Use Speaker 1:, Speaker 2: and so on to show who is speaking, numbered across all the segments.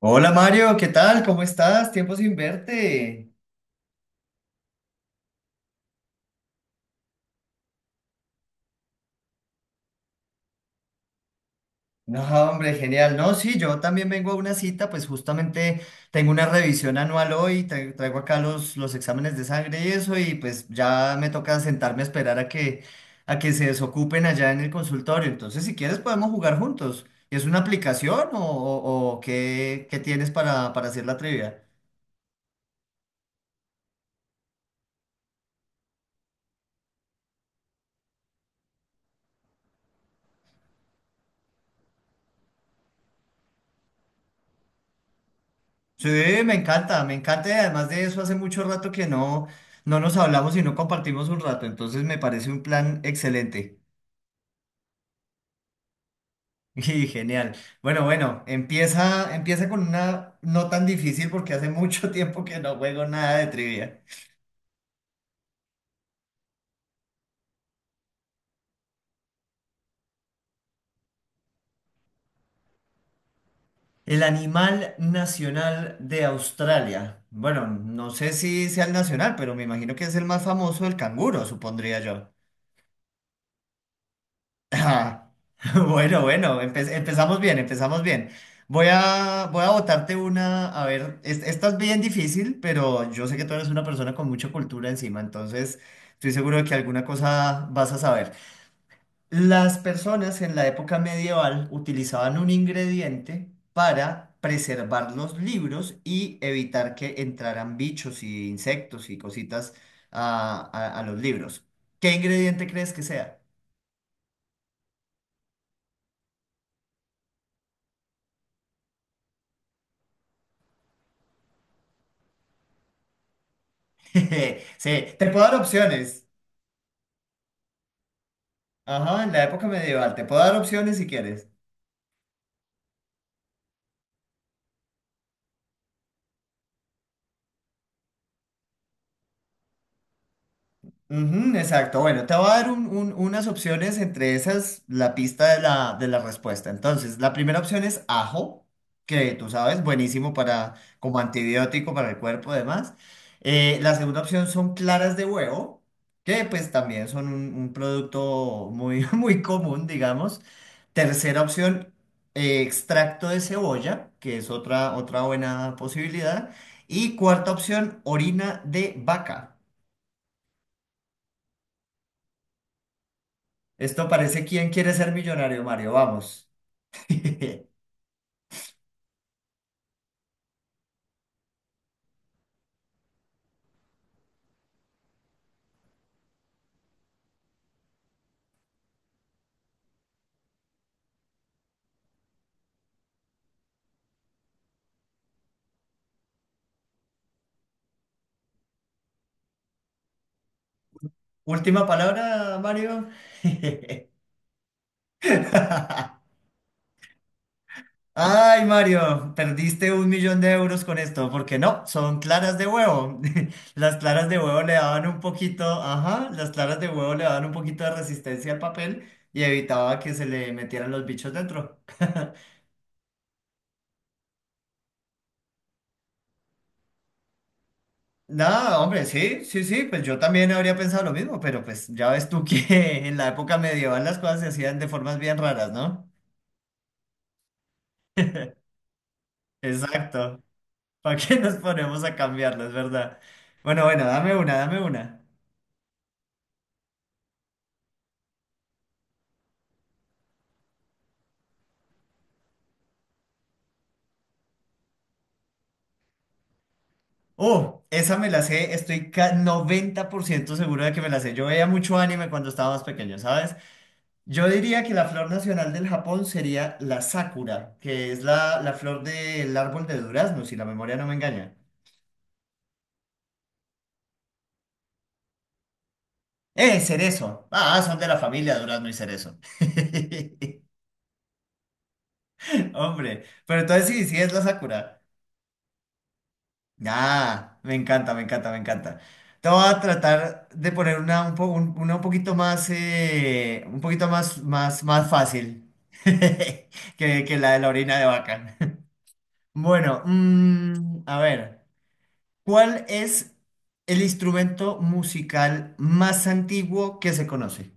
Speaker 1: Hola Mario, ¿qué tal? ¿Cómo estás? Tiempo sin verte. No, hombre, genial. No, sí, yo también vengo a una cita, pues justamente tengo una revisión anual hoy, traigo acá los exámenes de sangre y eso, y pues ya me toca sentarme a esperar a que se desocupen allá en el consultorio. Entonces, si quieres, podemos jugar juntos. ¿Es una aplicación o qué tienes para hacer la trivia? Sí, me encanta y además de eso hace mucho rato que no nos hablamos y no compartimos un rato, entonces me parece un plan excelente y genial. Bueno, bueno, empieza, empieza con una no tan difícil porque hace mucho tiempo que no juego nada de trivia. El animal nacional de Australia. Bueno, no sé si sea el nacional, pero me imagino que es el más famoso, el canguro, supondría yo. Ah, bueno, bueno, empezamos bien, empezamos bien. Voy a botarte una, a ver, esta es bien difícil, pero yo sé que tú eres una persona con mucha cultura encima, entonces estoy seguro de que alguna cosa vas a saber. Las personas en la época medieval utilizaban un ingrediente para preservar los libros y evitar que entraran bichos y insectos y cositas a los libros. ¿Qué ingrediente crees que sea? Sí, te puedo dar opciones. Ajá, en la época medieval. Te puedo dar opciones si quieres. Ujú, exacto. Bueno, te voy a dar unas opciones entre esas, la pista de la respuesta. Entonces, la primera opción es ajo, que tú sabes, buenísimo para, como antibiótico para el cuerpo, además. La segunda opción son claras de huevo, que pues también son un producto muy, muy común, digamos. Tercera opción, extracto de cebolla, que es otra, otra buena posibilidad. Y cuarta opción, orina de vaca. Esto parece quién quiere ser millonario, Mario. Vamos. Última palabra, Mario. Ay, Mario, perdiste 1 millón de euros con esto, porque no, son claras de huevo. Las claras de huevo le daban un poquito, ajá, las claras de huevo le daban un poquito de resistencia al papel y evitaba que se le metieran los bichos dentro. Nada, hombre, sí, sí, sí, pues yo también habría pensado lo mismo, pero pues ya ves tú que en la época medieval las cosas se hacían de formas bien raras, ¿no? Exacto. ¿Para qué nos ponemos a cambiarlo? Es verdad. Bueno, bueno, dame una, dame una. Oh, esa me la sé, estoy 90% seguro de que me la sé. Yo veía mucho anime cuando estaba más pequeño, ¿sabes? Yo diría que la flor nacional del Japón sería la sakura, que es la flor del árbol de durazno, si la memoria no me engaña. ¡Eh, cerezo! Ah, son de la familia durazno y cerezo. Hombre, pero entonces sí, sí es la sakura. Ah, me encanta, me encanta, me encanta. Te voy a tratar de poner una un, po- un- una un poquito más, más, más fácil que la de la orina de vaca. Bueno, a ver, ¿cuál es el instrumento musical más antiguo que se conoce?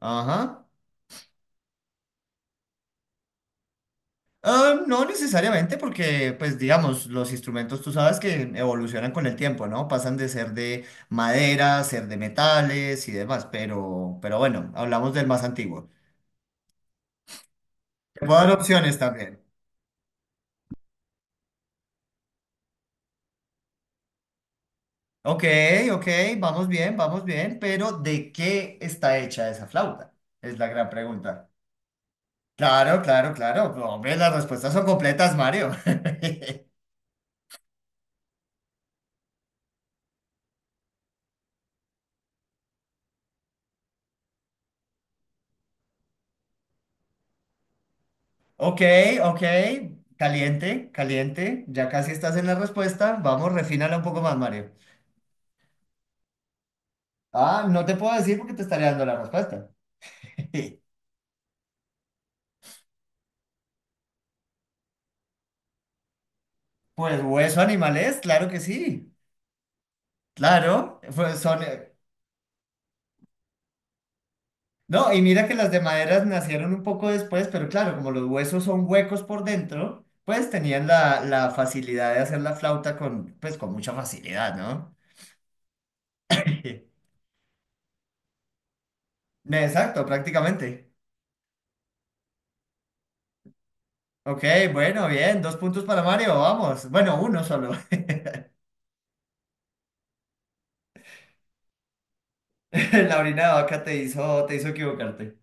Speaker 1: Ajá. Ah, no necesariamente porque, pues digamos, los instrumentos tú sabes que evolucionan con el tiempo, ¿no? Pasan de ser de madera, ser de metales y demás, pero bueno, hablamos del más antiguo. Te puedo dar opciones también. Ok, ok, vamos bien, pero ¿de qué está hecha esa flauta? Es la gran pregunta. Claro, claro, claro. Hombre, las respuestas son completas, Mario. Ok, ok. Caliente, caliente. Ya casi estás en la respuesta. Vamos, refínala un poco más, Mario. Ah, no te puedo decir porque te estaré dando la respuesta. Pues hueso animal es, claro que sí. Claro, pues son... No, y mira que las de maderas nacieron un poco después, pero claro, como los huesos son huecos por dentro, pues tenían la facilidad de hacer la flauta pues, con mucha facilidad, ¿no? Exacto, prácticamente. Ok, bueno, bien, dos puntos para Mario, vamos. Bueno, uno solo. La orina de vaca te hizo equivocarte.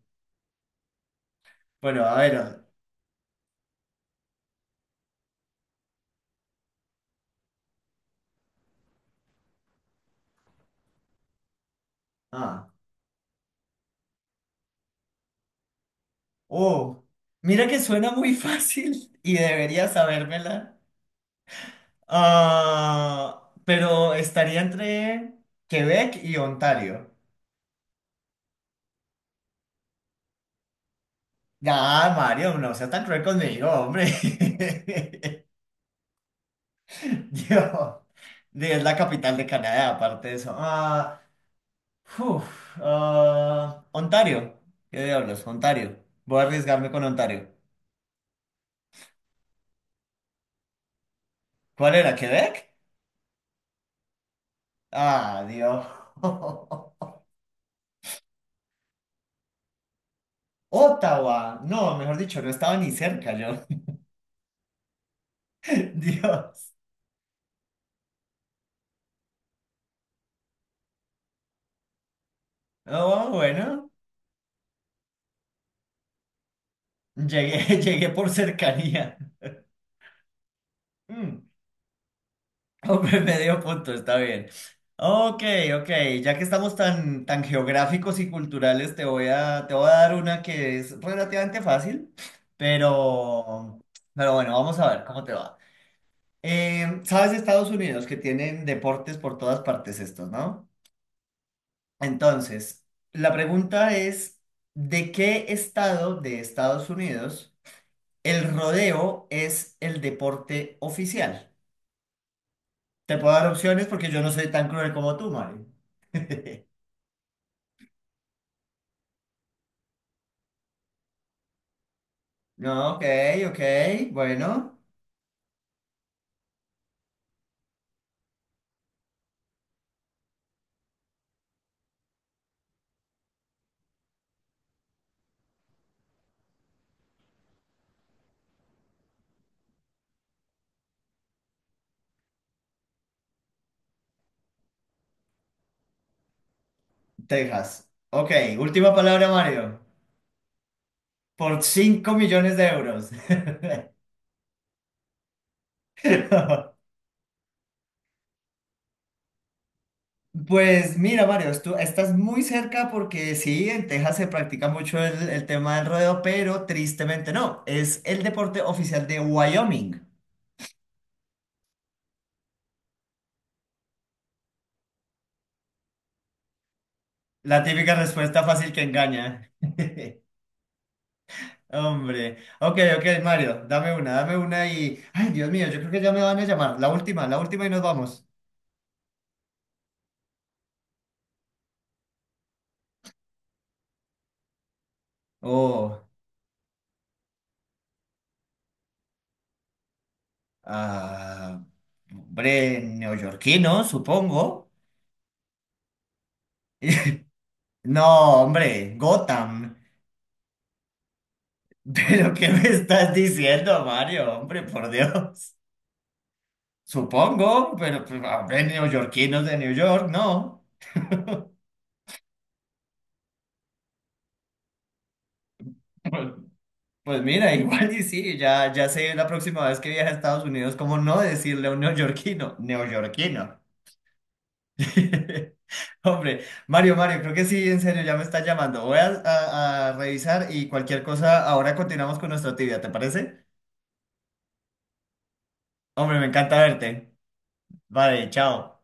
Speaker 1: Bueno, a ver. Ah. Oh, mira que suena muy fácil y debería sabérmela. Ah, pero estaría entre Quebec y Ontario. Ya, Mario, no seas tan cruel conmigo, hombre. Yo, es la capital de Canadá, aparte de eso. Ah. Ontario. ¿Qué diablos? Ontario. Voy a arriesgarme con Ontario. ¿Cuál era? ¿Quebec? Ah, Dios. Ottawa. No, mejor dicho, no estaba ni cerca yo. Dios. Oh, bueno. Llegué, llegué por cercanía. Mm. Hombre, medio punto, está bien. Ok, ok, ya que estamos tan, tan geográficos y culturales, te voy a dar una que es relativamente fácil, pero, pero bueno, vamos a ver cómo te va. Sabes, Estados Unidos, que tienen deportes por todas partes estos, ¿no? Entonces, la pregunta es, ¿de qué estado de Estados Unidos el rodeo es el deporte oficial? Te puedo dar opciones porque yo no soy tan cruel como tú, Mario. No, ok, ok. Bueno, Texas. Ok, última palabra, Mario. Por 5 millones de euros. Pues mira, Mario, tú estás muy cerca porque sí, en Texas se practica mucho el tema del rodeo, pero tristemente no. Es el deporte oficial de Wyoming. La típica respuesta fácil que engaña. Hombre. Ok, ok, Mario, dame una y... Ay, Dios mío, yo creo que ya me van a llamar. La última y nos vamos. Oh. Ah, hombre, neoyorquino, supongo. No, hombre, Gotham. ¿Pero qué me estás diciendo, Mario? Hombre, por Dios. Supongo, pero pues, a ver, neoyorquinos de New York, no. Pues, pues mira, igual y sí, ya sé la próxima vez que viaje a Estados Unidos, cómo no decirle a un neoyorquino, neoyorquino. Hombre, Mario, Mario, creo que sí, en serio, ya me está llamando. Voy a revisar y cualquier cosa, ahora continuamos con nuestra actividad, ¿te parece? Hombre, me encanta verte. Vale, chao.